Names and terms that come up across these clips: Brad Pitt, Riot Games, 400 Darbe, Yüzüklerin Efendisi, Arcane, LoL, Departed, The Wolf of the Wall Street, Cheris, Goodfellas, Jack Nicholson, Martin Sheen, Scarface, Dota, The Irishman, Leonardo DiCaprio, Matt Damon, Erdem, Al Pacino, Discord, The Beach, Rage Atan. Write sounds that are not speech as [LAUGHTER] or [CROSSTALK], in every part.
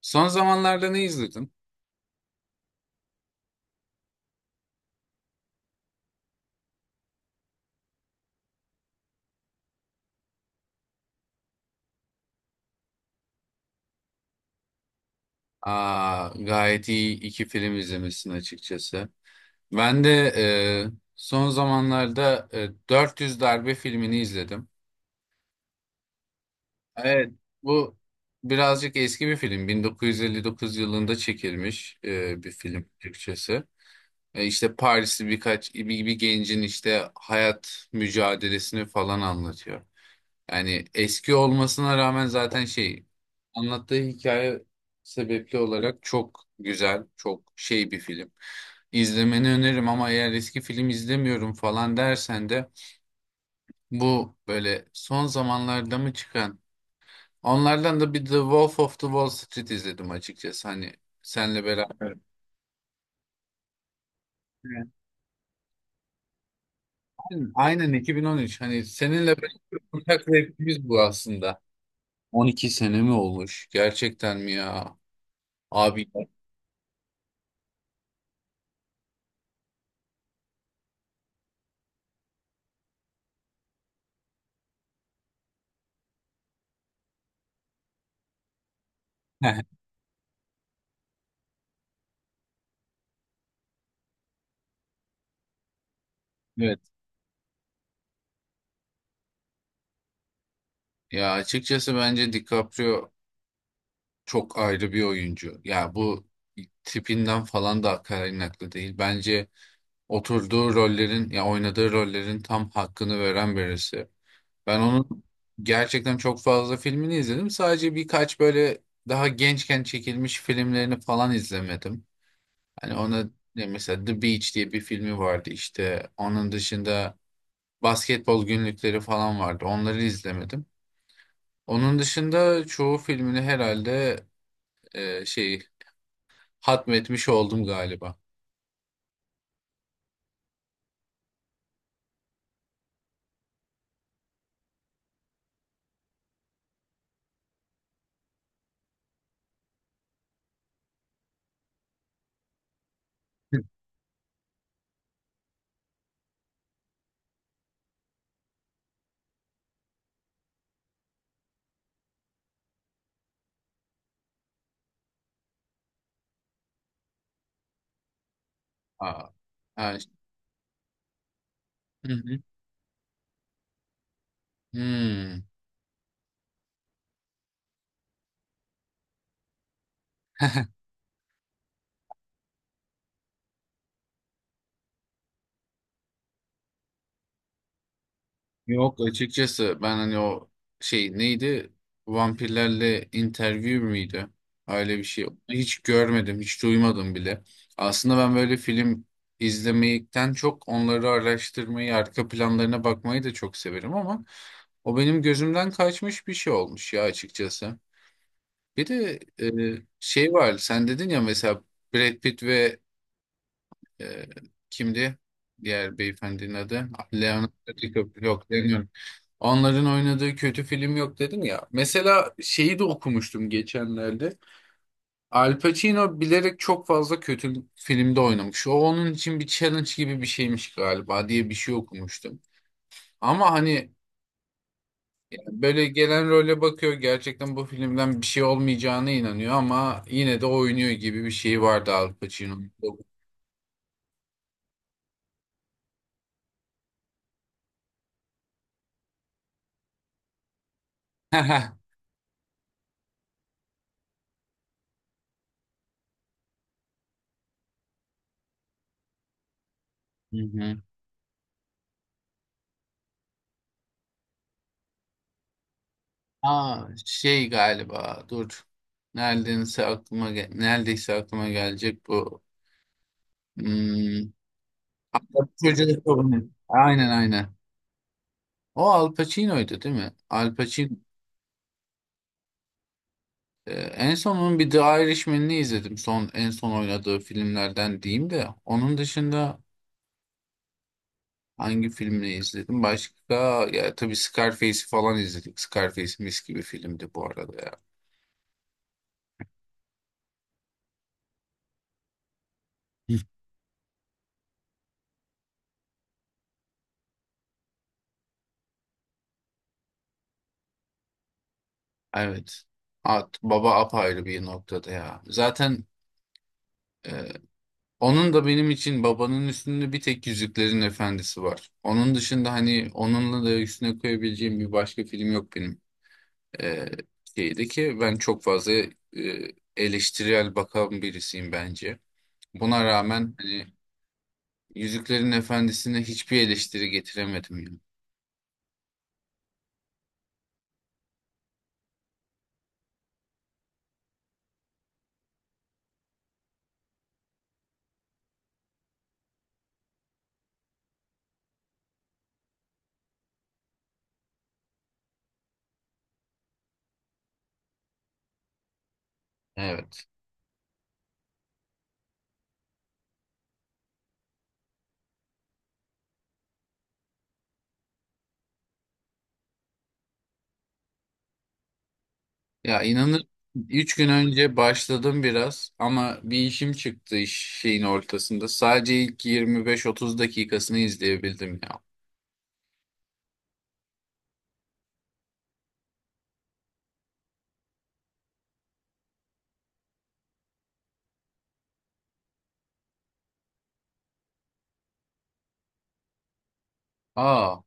Son zamanlarda ne izledin? Aa, gayet iyi iki film izlemişsin açıkçası. Ben de son zamanlarda 400 Darbe filmini izledim. Evet, bu birazcık eski bir film. 1959 yılında çekilmiş bir film Türkçesi. İşte Parisli birkaç bir gencin işte hayat mücadelesini falan anlatıyor. Yani eski olmasına rağmen zaten şey anlattığı hikaye sebepli olarak çok güzel, çok şey bir film. İzlemeni öneririm ama eğer eski film izlemiyorum falan dersen de bu böyle son zamanlarda mı çıkan onlardan da bir The Wolf of the Wall Street izledim açıkçası hani senle beraber. Evet. Evet. Aynen, aynen 2013, hani seninle beraber ortak zevkimiz bu aslında. 12 sene mi olmuş? Gerçekten mi ya? Abi. [LAUGHS] Evet. Ya açıkçası bence DiCaprio çok ayrı bir oyuncu. Ya bu tipinden falan da kaynaklı değil. Bence oturduğu rollerin ya oynadığı rollerin tam hakkını veren birisi. Ben onun gerçekten çok fazla filmini izledim. Sadece birkaç böyle daha gençken çekilmiş filmlerini falan izlemedim. Hani ona ne mesela The Beach diye bir filmi vardı işte. Onun dışında basketbol günlükleri falan vardı. Onları izlemedim. Onun dışında çoğu filmini herhalde e, şey hatmetmiş oldum galiba. Hı. Aa, ha, işte. Hı hı. Hmm. Yok, açıkçası ben hani o şey neydi? Vampirlerle interview miydi? Öyle bir şey. Hiç görmedim, hiç duymadım bile. Aslında ben böyle film izlemekten çok onları araştırmayı, arka planlarına bakmayı da çok severim ama o benim gözümden kaçmış bir şey olmuş ya açıkçası. Bir de şey var. Sen dedin ya mesela Brad Pitt ve e, kimdi? Diğer beyefendinin adı. Leonardo DiCaprio. Yok, Leonardo. Onların oynadığı kötü film yok dedin ya. Mesela şeyi de okumuştum geçenlerde. Al Pacino bilerek çok fazla kötü filmde oynamış. O onun için bir challenge gibi bir şeymiş galiba diye bir şey okumuştum. Ama hani böyle gelen role bakıyor, gerçekten bu filmden bir şey olmayacağına inanıyor ama yine de oynuyor gibi bir şey vardı Al Pacino'nun. [LAUGHS] Hı hı. Aa, şey galiba dur. Neredeyse aklıma gelecek bu. Hmm. Çocuğun sorunu. Aynen, aynen. O Al Pacino'ydu değil mi? Al Pacino. En son onun bir The Irishman'ini izledim. Son en son oynadığı filmlerden diyeyim de. Onun dışında hangi filmini izledim? Başka ya tabii Scarface'i falan izledik. Scarface mis gibi filmdi bu arada ya. Hı. Evet. At, baba apayrı bir noktada ya. Zaten e, onun da benim için babanın üstünde bir tek Yüzüklerin Efendisi var. Onun dışında hani onunla da üstüne koyabileceğim bir başka film yok benim. E, Şeyde ki ben çok fazla eleştirel bakan birisiyim bence. Buna rağmen hani Yüzüklerin Efendisi'ne hiçbir eleştiri getiremedim ya. Evet. Ya inanır üç gün önce başladım biraz ama bir işim çıktı iş şeyin ortasında. Sadece ilk 25-30 dakikasını izleyebildim ya. Aa,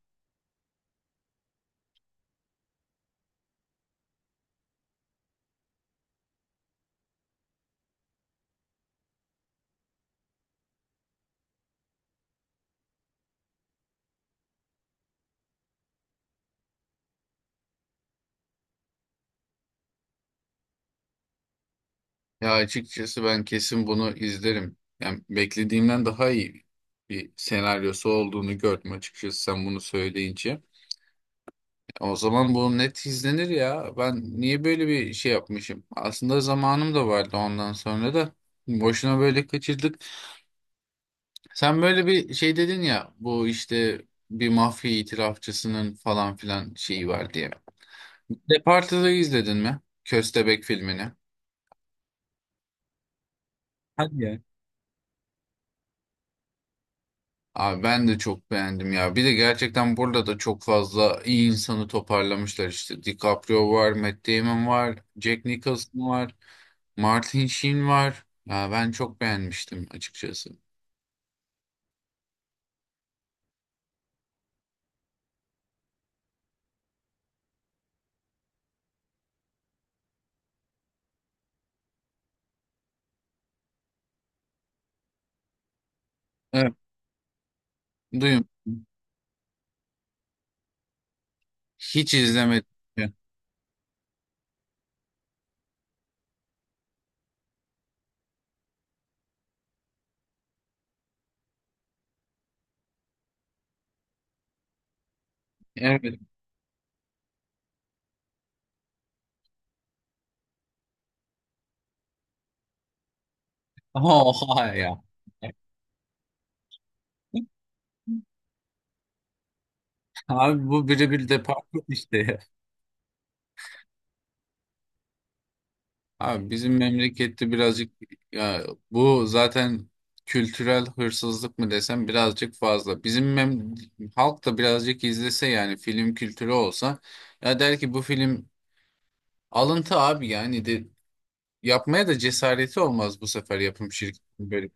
ya açıkçası ben kesin bunu izlerim. Yani beklediğimden daha iyi bir senaryosu olduğunu gördüm açıkçası sen bunu söyleyince. O zaman bu net izlenir ya. Ben niye böyle bir şey yapmışım? Aslında zamanım da vardı ondan sonra da. Boşuna böyle kaçırdık. Sen böyle bir şey dedin ya bu işte bir mafya itirafçısının falan filan şeyi var diye. Departed'ı izledin mi? Köstebek filmini. Hadi ya. Abi ben de çok beğendim ya. Bir de gerçekten burada da çok fazla iyi insanı toparlamışlar işte. DiCaprio var, Matt Damon var, Jack Nicholson var, Martin Sheen var. Ya ben çok beğenmiştim açıkçası. Evet. Duyun. Hiç izlemedim. Evet. [LAUGHS] Oha ya. Abi bu birebir departman işte ya. Abi bizim memlekette birazcık ya bu zaten kültürel hırsızlık mı desem birazcık fazla. Bizim mem halk da birazcık izlese yani film kültürü olsa ya der ki bu film alıntı abi yani de yapmaya da cesareti olmaz bu sefer yapım şirketinin böyle.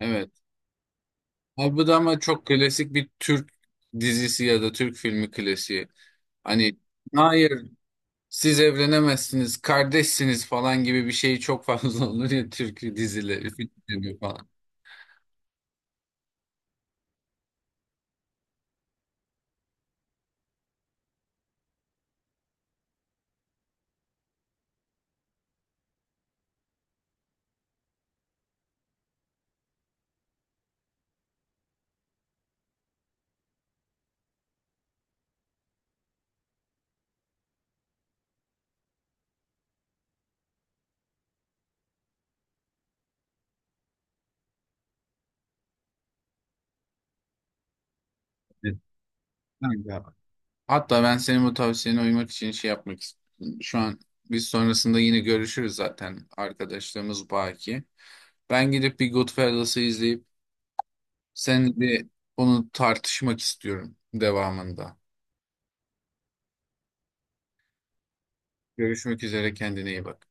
Evet. Abi bu da ama çok klasik bir Türk dizisi ya da Türk filmi klasiği. Hani hayır siz evlenemezsiniz, kardeşsiniz falan gibi bir şey çok fazla [LAUGHS] olur ya Türk dizileri, filmleri falan. Evet. Kanka. Hatta ben senin bu tavsiyene uymak için şey yapmak istiyorum. Şu an biz sonrasında yine görüşürüz zaten arkadaşlarımız baki. Ben gidip bir Goodfellas'ı izleyip seninle bir onu tartışmak istiyorum devamında. Görüşmek üzere kendine iyi bak.